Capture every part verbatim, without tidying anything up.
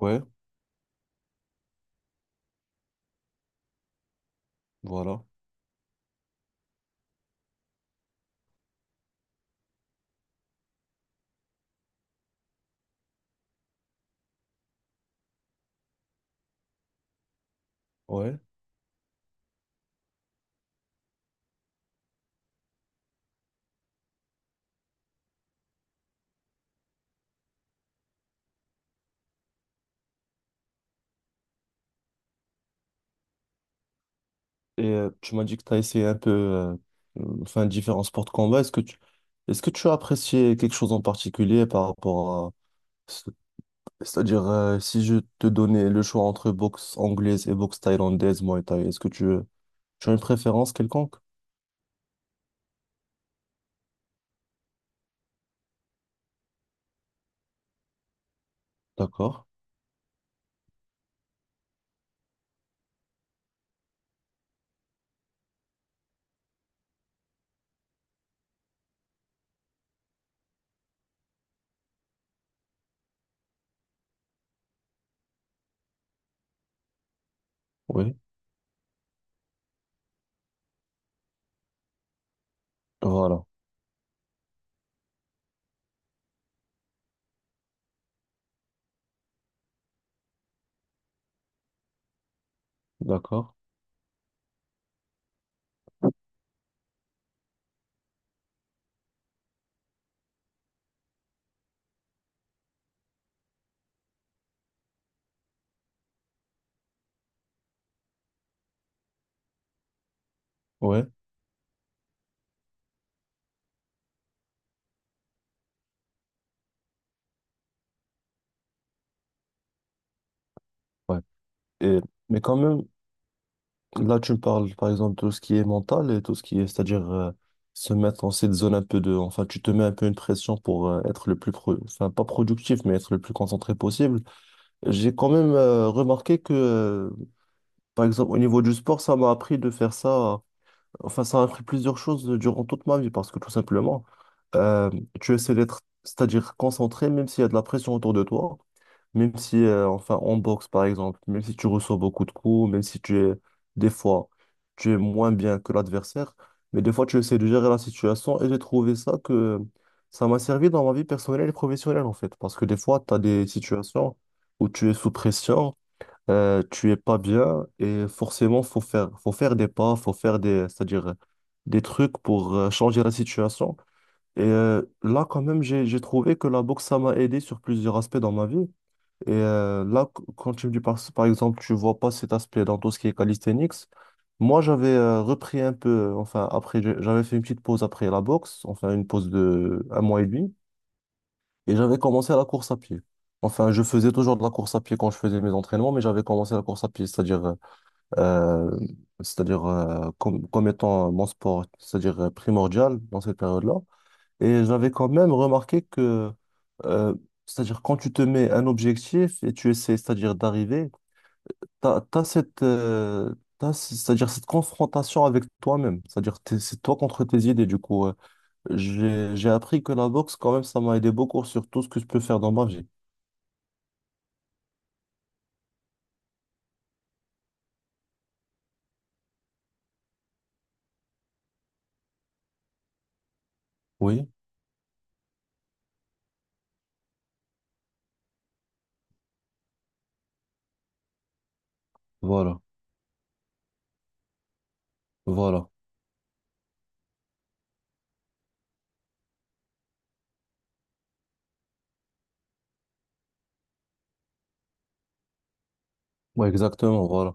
Ouais, voilà. Ouais. Et euh, tu m'as dit que tu as essayé un peu euh, euh, enfin, différents sports de combat. Est-ce que tu est-ce que tu as apprécié quelque chose en particulier par rapport à ce- c'est-à-dire euh, si je te donnais le choix entre boxe anglaise et boxe thaïlandaise, Muay Thai, est-ce que tu, euh, tu as une préférence quelconque? D'accord. Oui. Voilà. D'accord. Ouais. Ouais. Et mais quand même, là, tu me parles par exemple de tout ce qui est mental et tout ce qui est, c'est-à-dire euh, se mettre dans cette zone un peu de, enfin, tu te mets un peu une pression pour euh, être le plus, pro- enfin, pas productif, mais être le plus concentré possible. J'ai quand même euh, remarqué que, euh, par exemple, au niveau du sport, ça m'a appris de faire ça, enfin, ça m'a appris plusieurs choses durant toute ma vie parce que tout simplement, euh, tu essaies d'être, c'est-à-dire concentré, même s'il y a de la pression autour de toi. Même si, euh, enfin, en boxe, par exemple, même si tu reçois beaucoup de coups, même si tu es, des fois, tu es moins bien que l'adversaire, mais des fois, tu essaies de gérer la situation et j'ai trouvé ça que ça m'a servi dans ma vie personnelle et professionnelle, en fait. Parce que des fois, tu as des situations où tu es sous pression, euh, tu es pas bien et forcément, faut faire, faut faire des pas, faut faire des, c'est-à-dire des trucs pour euh, changer la situation. Et euh, là, quand même, j'ai, j'ai trouvé que la boxe, ça m'a aidé sur plusieurs aspects dans ma vie. Et euh, là, qu- quand tu me dis par, par exemple, tu vois pas cet aspect dans tout ce qui est calisthenics, moi j'avais euh, repris un peu, euh, enfin après, j'ai- j'avais fait une petite pause après la boxe, enfin une pause de un mois et demi, et j'avais commencé à la course à pied. Enfin, je faisais toujours de la course à pied quand je faisais mes entraînements, mais j'avais commencé la course à pied, c'est-à-dire euh, c'est-à-dire euh, comme, comme étant mon sport, c'est-à-dire euh, primordial dans cette période-là. Et j'avais quand même remarqué que, euh, c'est-à-dire quand tu te mets un objectif et tu essaies, c'est-à-dire d'arriver, t'as, t'as cette, euh, t'as ce- c'est-à-dire cette confrontation avec toi-même, c'est-à-dire t'es- c'est toi contre tes idées. Du coup, euh, j'ai, j'ai appris que la boxe, quand même, ça m'a aidé beaucoup sur tout ce que je peux faire dans ma vie. Oui, voilà, voilà. Ouais, exactement, voilà.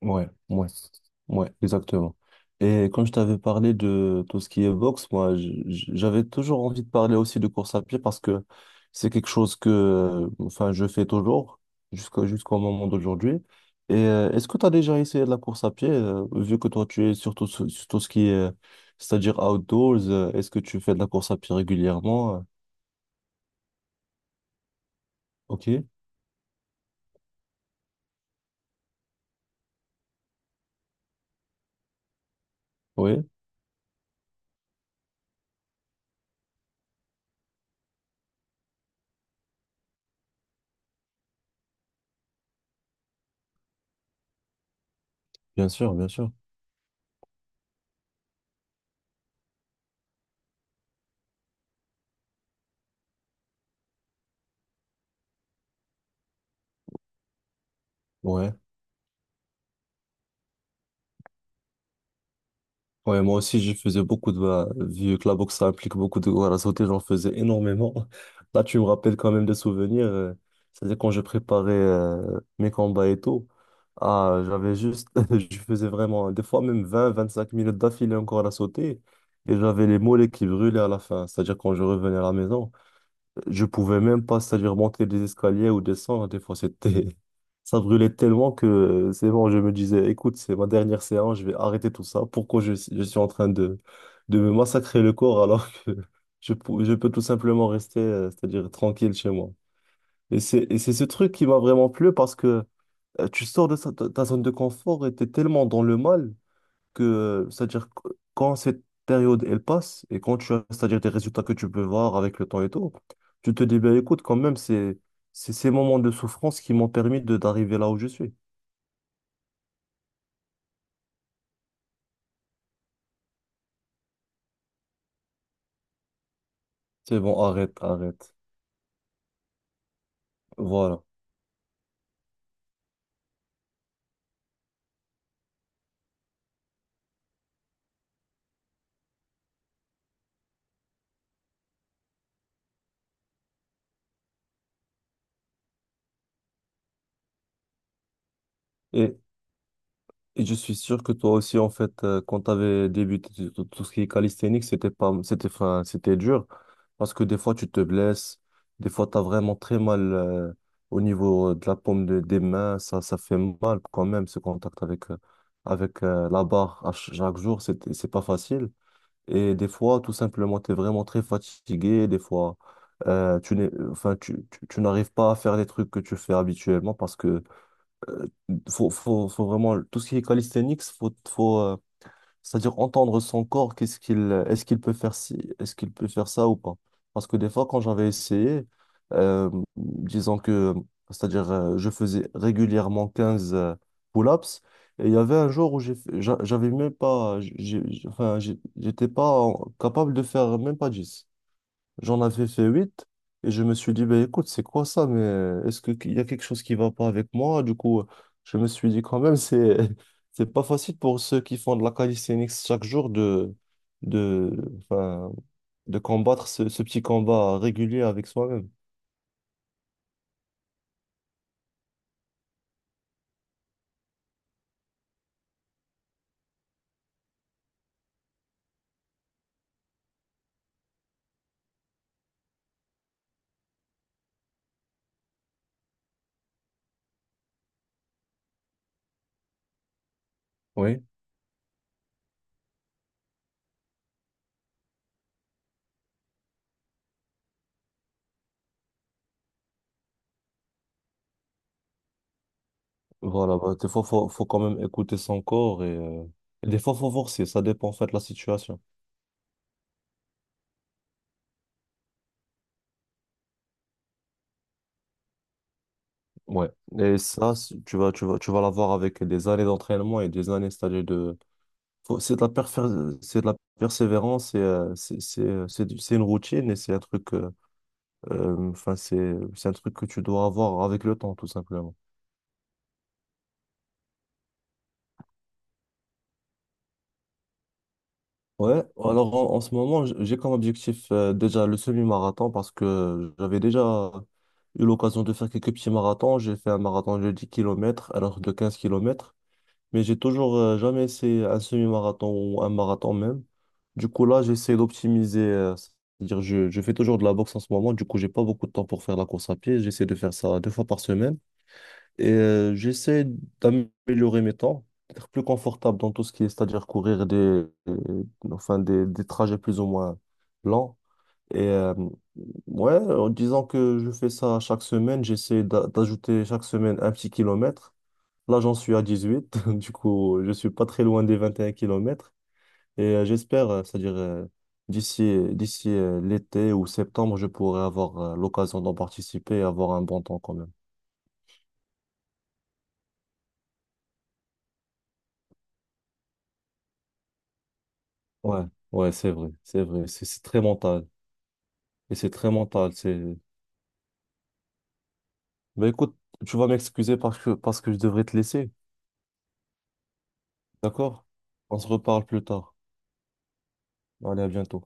Ouais, ouais, ouais, exactement. Et quand je t'avais parlé de tout ce qui est boxe, moi, j- j- j'avais toujours envie de parler aussi de course à pied parce que c'est quelque chose que, euh, enfin, je fais toujours jusqu'au jusqu'au moment d'aujourd'hui. Et euh, est-ce que tu as déjà essayé de la course à pied, euh, vu que toi, tu es surtout sur sur tout ce qui est, euh, c'est-à-dire outdoors, euh, est-ce que tu fais de la course à pied régulièrement? euh, Ok, oui, bien sûr, bien sûr. Ouais. Ouais, moi aussi, je faisais beaucoup de... bah, vu que la boxe, ça implique beaucoup de à sauter, j'en faisais énormément. Là, tu me rappelles quand même des souvenirs. euh, C'est-à-dire quand je préparais euh, mes combats et tout, ah, j'avais juste... je faisais vraiment, des fois même vingt vingt-cinq minutes d'affilée encore à la sauter. Et j'avais les mollets qui brûlaient à la fin. C'est-à-dire quand je revenais à la maison, je pouvais même pas, c'est-à-dire monter des escaliers ou descendre. Des fois, c'était, ça brûlait tellement que euh, c'est bon, je me disais, écoute, c'est ma dernière séance, je vais arrêter tout ça. Pourquoi je, je suis en train de, de me massacrer le corps alors que je, pou- je peux tout simplement rester, euh, c'est-à-dire tranquille chez moi. Et c'est, et c'est ce truc qui m'a vraiment plu parce que euh, tu sors de sa- ta ta zone de confort et t'es tellement dans le mal que, c'est-à-dire que quand cette période elle passe et quand tu as, c'est-à-dire des résultats que tu peux voir avec le temps et tout, tu te dis, ben écoute, quand même, c'est c'est ces moments de souffrance qui m'ont permis de d'arriver là où je suis. C'est bon, arrête, arrête. Voilà. et Et je suis sûr que toi aussi, en fait, euh, quand tu avais débuté tout, tout ce qui est calisthénique, c'était pas, c'était, enfin, c'était dur parce que des fois, tu te blesses, des fois, tu as vraiment très mal euh, au niveau de la paume de- des mains. Ça, ça fait mal quand même, ce contact avec, euh, avec euh, la barre à ch- chaque jour, c'est, c'est pas facile. Et des fois, tout simplement, tu es vraiment très fatigué. Des fois, euh, tu n'es, enfin, tu, tu tu n'arrives pas à faire les trucs que tu fais habituellement parce que faut, faut, faut vraiment, tout ce qui est calisthenics, faut, faut, euh, c'est-à-dire entendre son corps, qu'est-ce qu'il, est-ce qu'il peut faire ci, est-ce qu'il peut faire ça ou pas. Parce que des fois, quand j'avais essayé, euh, disons que, c'est-à-dire, euh, je faisais régulièrement quinze euh, pull-ups, et il y avait un jour où j'ai, fait- j'a- j'avais même pas, j'ai- j'ai- enfin, j'ai- j'étais pas en- capable de faire même pas dix J'en avais fait huit et je me suis dit, ben écoute, c'est quoi ça? Mais euh, est-ce que- qu'il y a quelque chose qui va pas avec moi? Du coup, euh, je me suis dit quand même, c'est c'est pas facile pour ceux qui font de la calisthenics chaque jour de, de, enfin, de combattre ce, ce petit combat régulier avec soi-même. Oui. Voilà, bah, des fois, faut, faut quand même écouter son corps et, euh, et des fois, faut forcer. Ça dépend en fait de la situation. Ouais. Et ça, c'est- tu vas, tu vas, tu vas l'avoir avec des années d'entraînement et des années, c'est-à-dire de Faut- C'est de la perfer- c'est de la persévérance et euh, c'est c'est, euh, c'est du- c'est une routine et c'est un truc euh, euh, enfin c'est c'est un truc que tu dois avoir avec le temps tout simplement. Ouais, alors en, en ce moment, j- j'ai comme objectif euh, déjà le semi-marathon parce que j'avais déjà eu l'occasion de faire quelques petits marathons, j'ai fait un marathon de dix kilomètres, un autre de quinze kilomètres, mais j'ai toujours euh, jamais essayé un semi-marathon ou un marathon même. Du coup, là, j'essaie d'optimiser, euh, c'est-à-dire je, je fais toujours de la boxe en ce moment, du coup, j'ai pas beaucoup de temps pour faire la course à pied. J'essaie de faire ça deux fois par semaine et euh, j'essaie d'améliorer mes temps, d'être plus confortable dans tout ce qui est, c'est-à-dire courir des, euh, enfin, des, des trajets plus ou moins lents. Et euh, ouais, en disant que je fais ça chaque semaine, j'essaie d'a- d'ajouter chaque semaine un petit kilomètre. Là, j'en suis à dix-huit, du coup, je suis pas très loin des vingt et un kilomètres et euh, j'espère, euh, c'est-à-dire euh, d'ici d'ici euh, l'été ou septembre, je pourrai avoir euh, l'occasion d'en participer et avoir un bon temps quand même. Ouais, ouais, c'est vrai, c'est vrai, c'est c'est très mental et c'est très mental, c'est Bah écoute, tu vas m'excuser parce que parce que je devrais te laisser, d'accord? On se reparle plus tard. Allez, à bientôt.